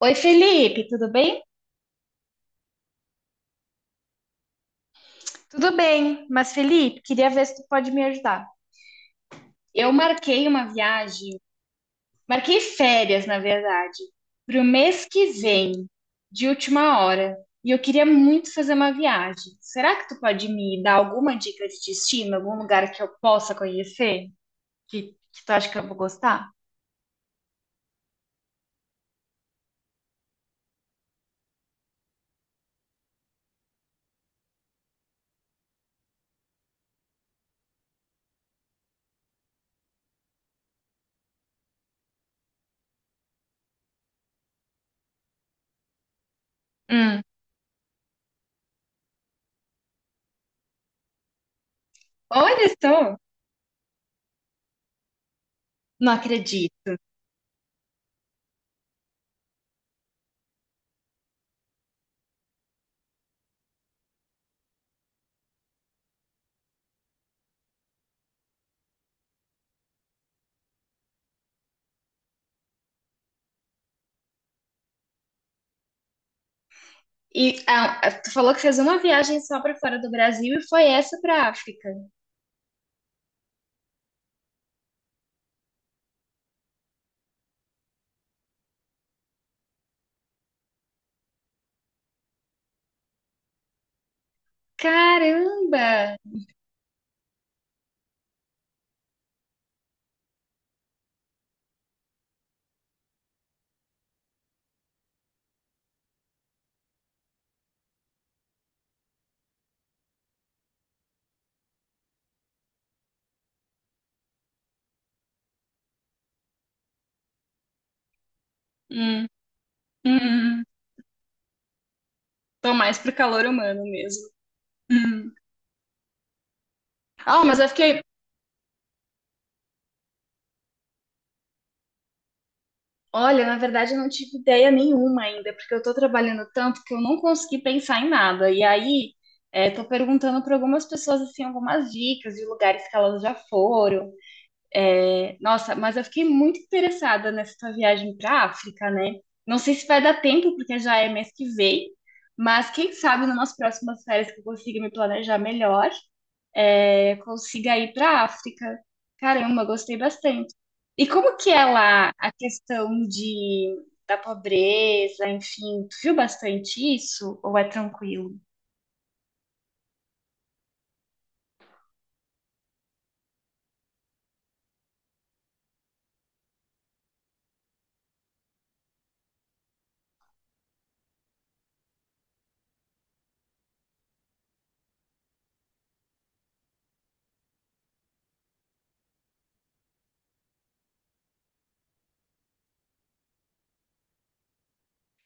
Oi, Felipe, tudo bem? Tudo bem, mas Felipe, queria ver se tu pode me ajudar. Eu marquei uma viagem, marquei férias, na verdade, para o mês que vem, de última hora, e eu queria muito fazer uma viagem. Será que tu pode me dar alguma dica de destino, algum lugar que eu possa conhecer? Que tu acha que eu vou gostar? Hum, olha só, não acredito. E tu falou que fez uma viagem só para fora do Brasil e foi essa para África. Caramba! Hum, hum. Tô mais pro calor humano mesmo. Hum. Ah, mas eu fiquei. Olha, na verdade eu não tive ideia nenhuma ainda, porque eu tô trabalhando tanto que eu não consegui pensar em nada. E aí, é, tô perguntando para algumas pessoas, assim, algumas dicas de lugares que elas já foram. É, nossa, mas eu fiquei muito interessada nessa tua viagem pra África, né? Não sei se vai dar tempo, porque já é mês que vem, mas quem sabe numas próximas férias que eu consiga me planejar melhor. É, consiga ir para a África. Caramba, gostei bastante. E como que é lá a questão de, da pobreza, enfim, tu viu bastante isso ou é tranquilo?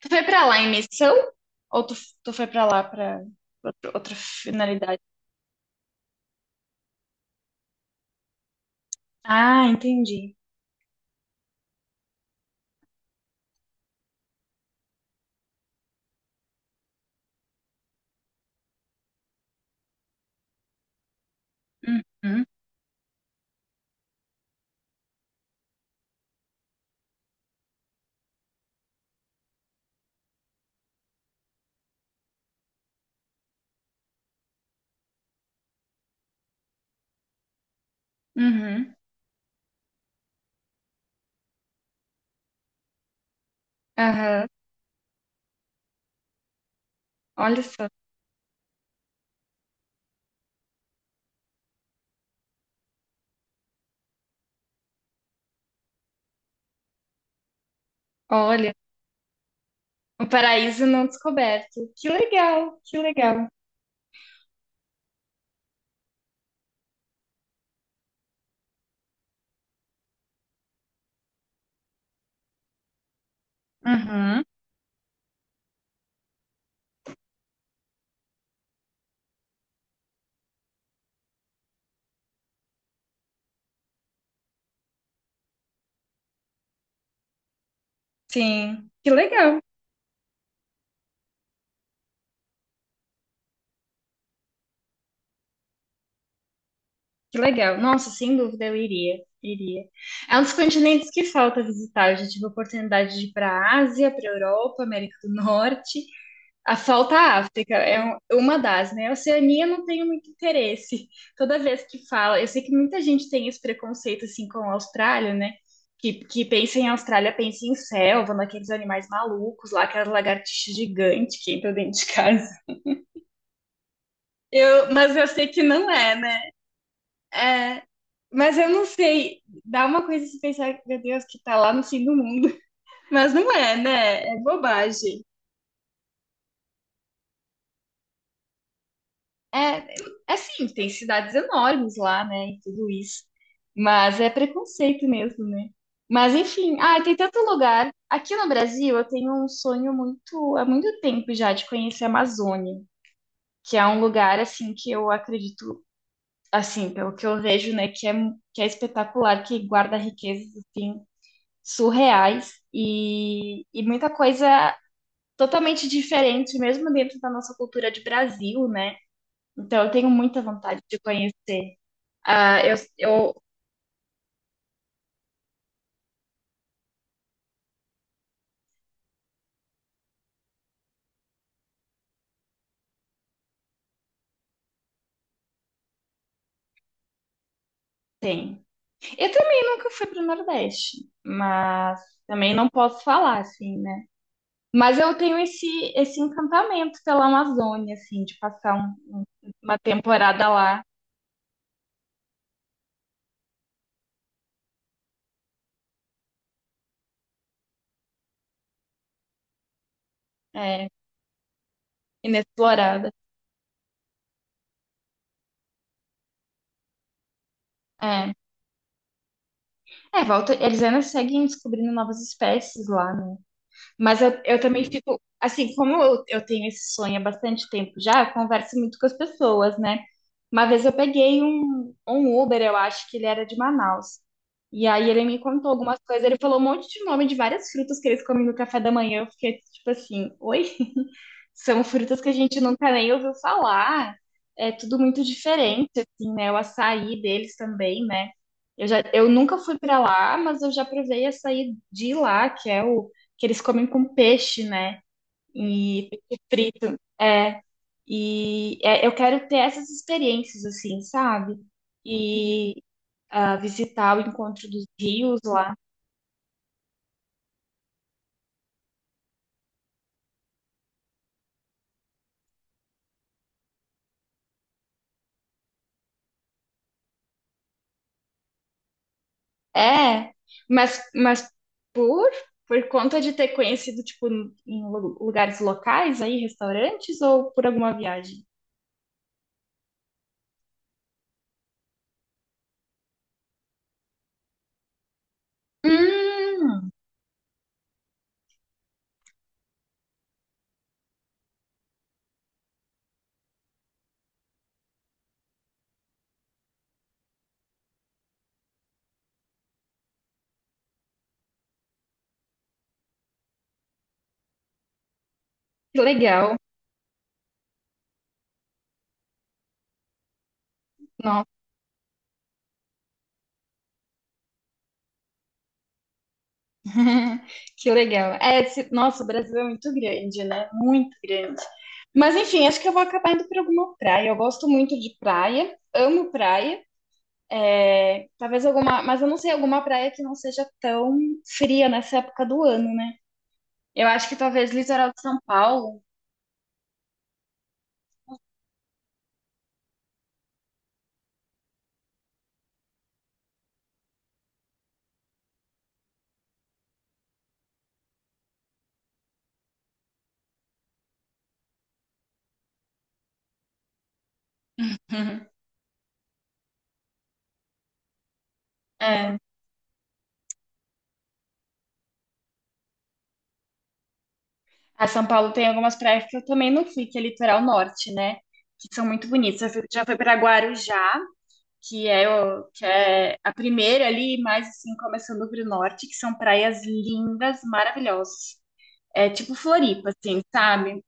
Tu foi para lá em missão ou tu, tu foi para lá para outra finalidade? Ah, entendi. Uhum, uhum, aham. Olha só, olha, um paraíso não descoberto. Que legal, que legal. Uhum, sim, que legal. Que legal. Nossa, sem dúvida eu iria. Iria. É um dos continentes que falta visitar. Eu já tive a oportunidade de ir para a Ásia, para a Europa, América do Norte. A falta a África é um- uma das, né? A Oceania eu não tenho muito interesse. Toda vez que fala, eu sei que muita gente tem esse preconceito assim com a Austrália, né? Que pensa em Austrália, pensa em selva, naqueles animais malucos lá, aquelas lagartixas gigantes que entram dentro de casa. Eu, mas eu sei que não é. É, mas eu não sei, dá uma coisa de pensar, meu Deus, que tá lá no fim do mundo. Mas não é, né? É bobagem. É, é sim, tem cidades enormes lá, né? E tudo isso. Mas é preconceito mesmo, né? Mas enfim, tem tanto lugar. Aqui no Brasil, eu tenho um sonho muito, há muito tempo já de conhecer a Amazônia, que é um lugar assim que eu acredito, assim, pelo que eu vejo, né, que é espetacular, que guarda riquezas assim surreais e muita coisa totalmente diferente, mesmo dentro da nossa cultura de Brasil, né? Então eu tenho muita vontade de conhecer. Ah, eu tenho. Eu também nunca fui para o Nordeste, mas também não posso falar, assim, né? Mas eu tenho esse encantamento pela Amazônia, assim, de passar um- um- uma temporada lá, é, inexplorada. É, é volta, eles ainda seguem descobrindo novas espécies lá, né? Mas eu também fico, assim, como eu tenho esse sonho há bastante tempo já, eu converso muito com as pessoas, né? Uma vez eu peguei um Uber, eu acho que ele era de Manaus. E aí ele me contou algumas coisas, ele falou um monte de nome de várias frutas que eles comem no café da manhã. Eu fiquei tipo assim, oi? São frutas que a gente nunca nem ouviu falar. É tudo muito diferente, assim, né? O açaí deles também, né? Eu nunca fui pra lá, mas eu já provei açaí de lá, que é o que eles comem com peixe, né? E peixe frito. É, e é, eu quero ter essas experiências, assim, sabe? E visitar o encontro dos rios lá. É, mas por, por conta de ter conhecido, tipo, em lu- lugares locais aí, restaurantes, ou por alguma viagem? Hum, que legal. Nossa, que legal. É, esse- nossa, o Brasil é muito grande, né? Muito grande. Mas enfim, acho que eu vou acabar indo para alguma praia. Eu gosto muito de praia, amo praia. É, talvez alguma, mas eu não sei, alguma praia que não seja tão fria nessa época do ano, né? Eu acho que talvez litoral de São Paulo. Ah, São Paulo tem algumas praias que eu também não fui, que é litoral norte, né? Que são muito bonitas. Eu fui- já fui para Guarujá, que é, o, que é a primeira ali, mais assim, começando para o norte, que são praias lindas, maravilhosas. É tipo Floripa, assim, sabe?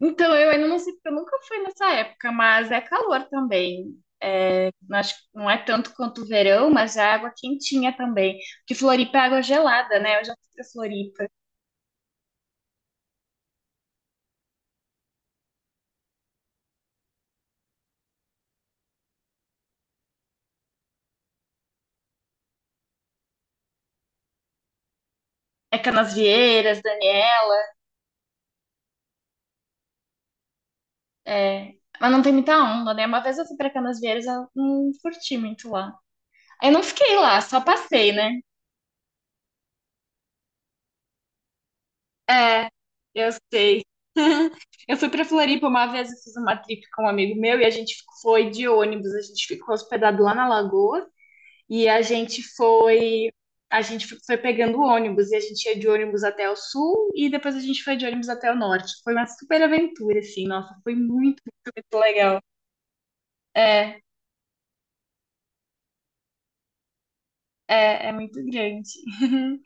Então, eu ainda não sei, porque eu nunca fui nessa época, mas é calor também. É, não acho, não é tanto quanto o verão, mas é água quentinha também. Porque Floripa é água gelada, né? Eu já fui pra Floripa. É Canasvieiras, Daniel. É, mas não tem muita onda, né? Uma vez eu fui pra Canasvieiras, eu não curti muito lá. Aí eu não fiquei lá, só passei, né? É, eu sei. Eu fui pra Floripa uma vez, eu fiz uma trip com um amigo meu e a gente foi de ônibus, a gente ficou hospedado lá na Lagoa e a gente foi pegando ônibus e a gente ia de ônibus até o sul e depois a gente foi de ônibus até o norte. Foi uma super aventura assim, nossa, foi muito, muito legal. É, é muito grande.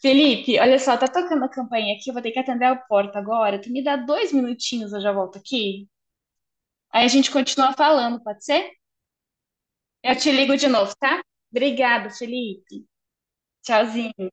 Felipe, olha só, tá tocando a campainha aqui, eu vou ter que atender a porta agora. Tu me dá 2 minutinhos, eu já volto aqui. Aí a gente continua falando, pode ser? Eu te ligo de novo, tá? Obrigada, Felipe. Tchauzinho.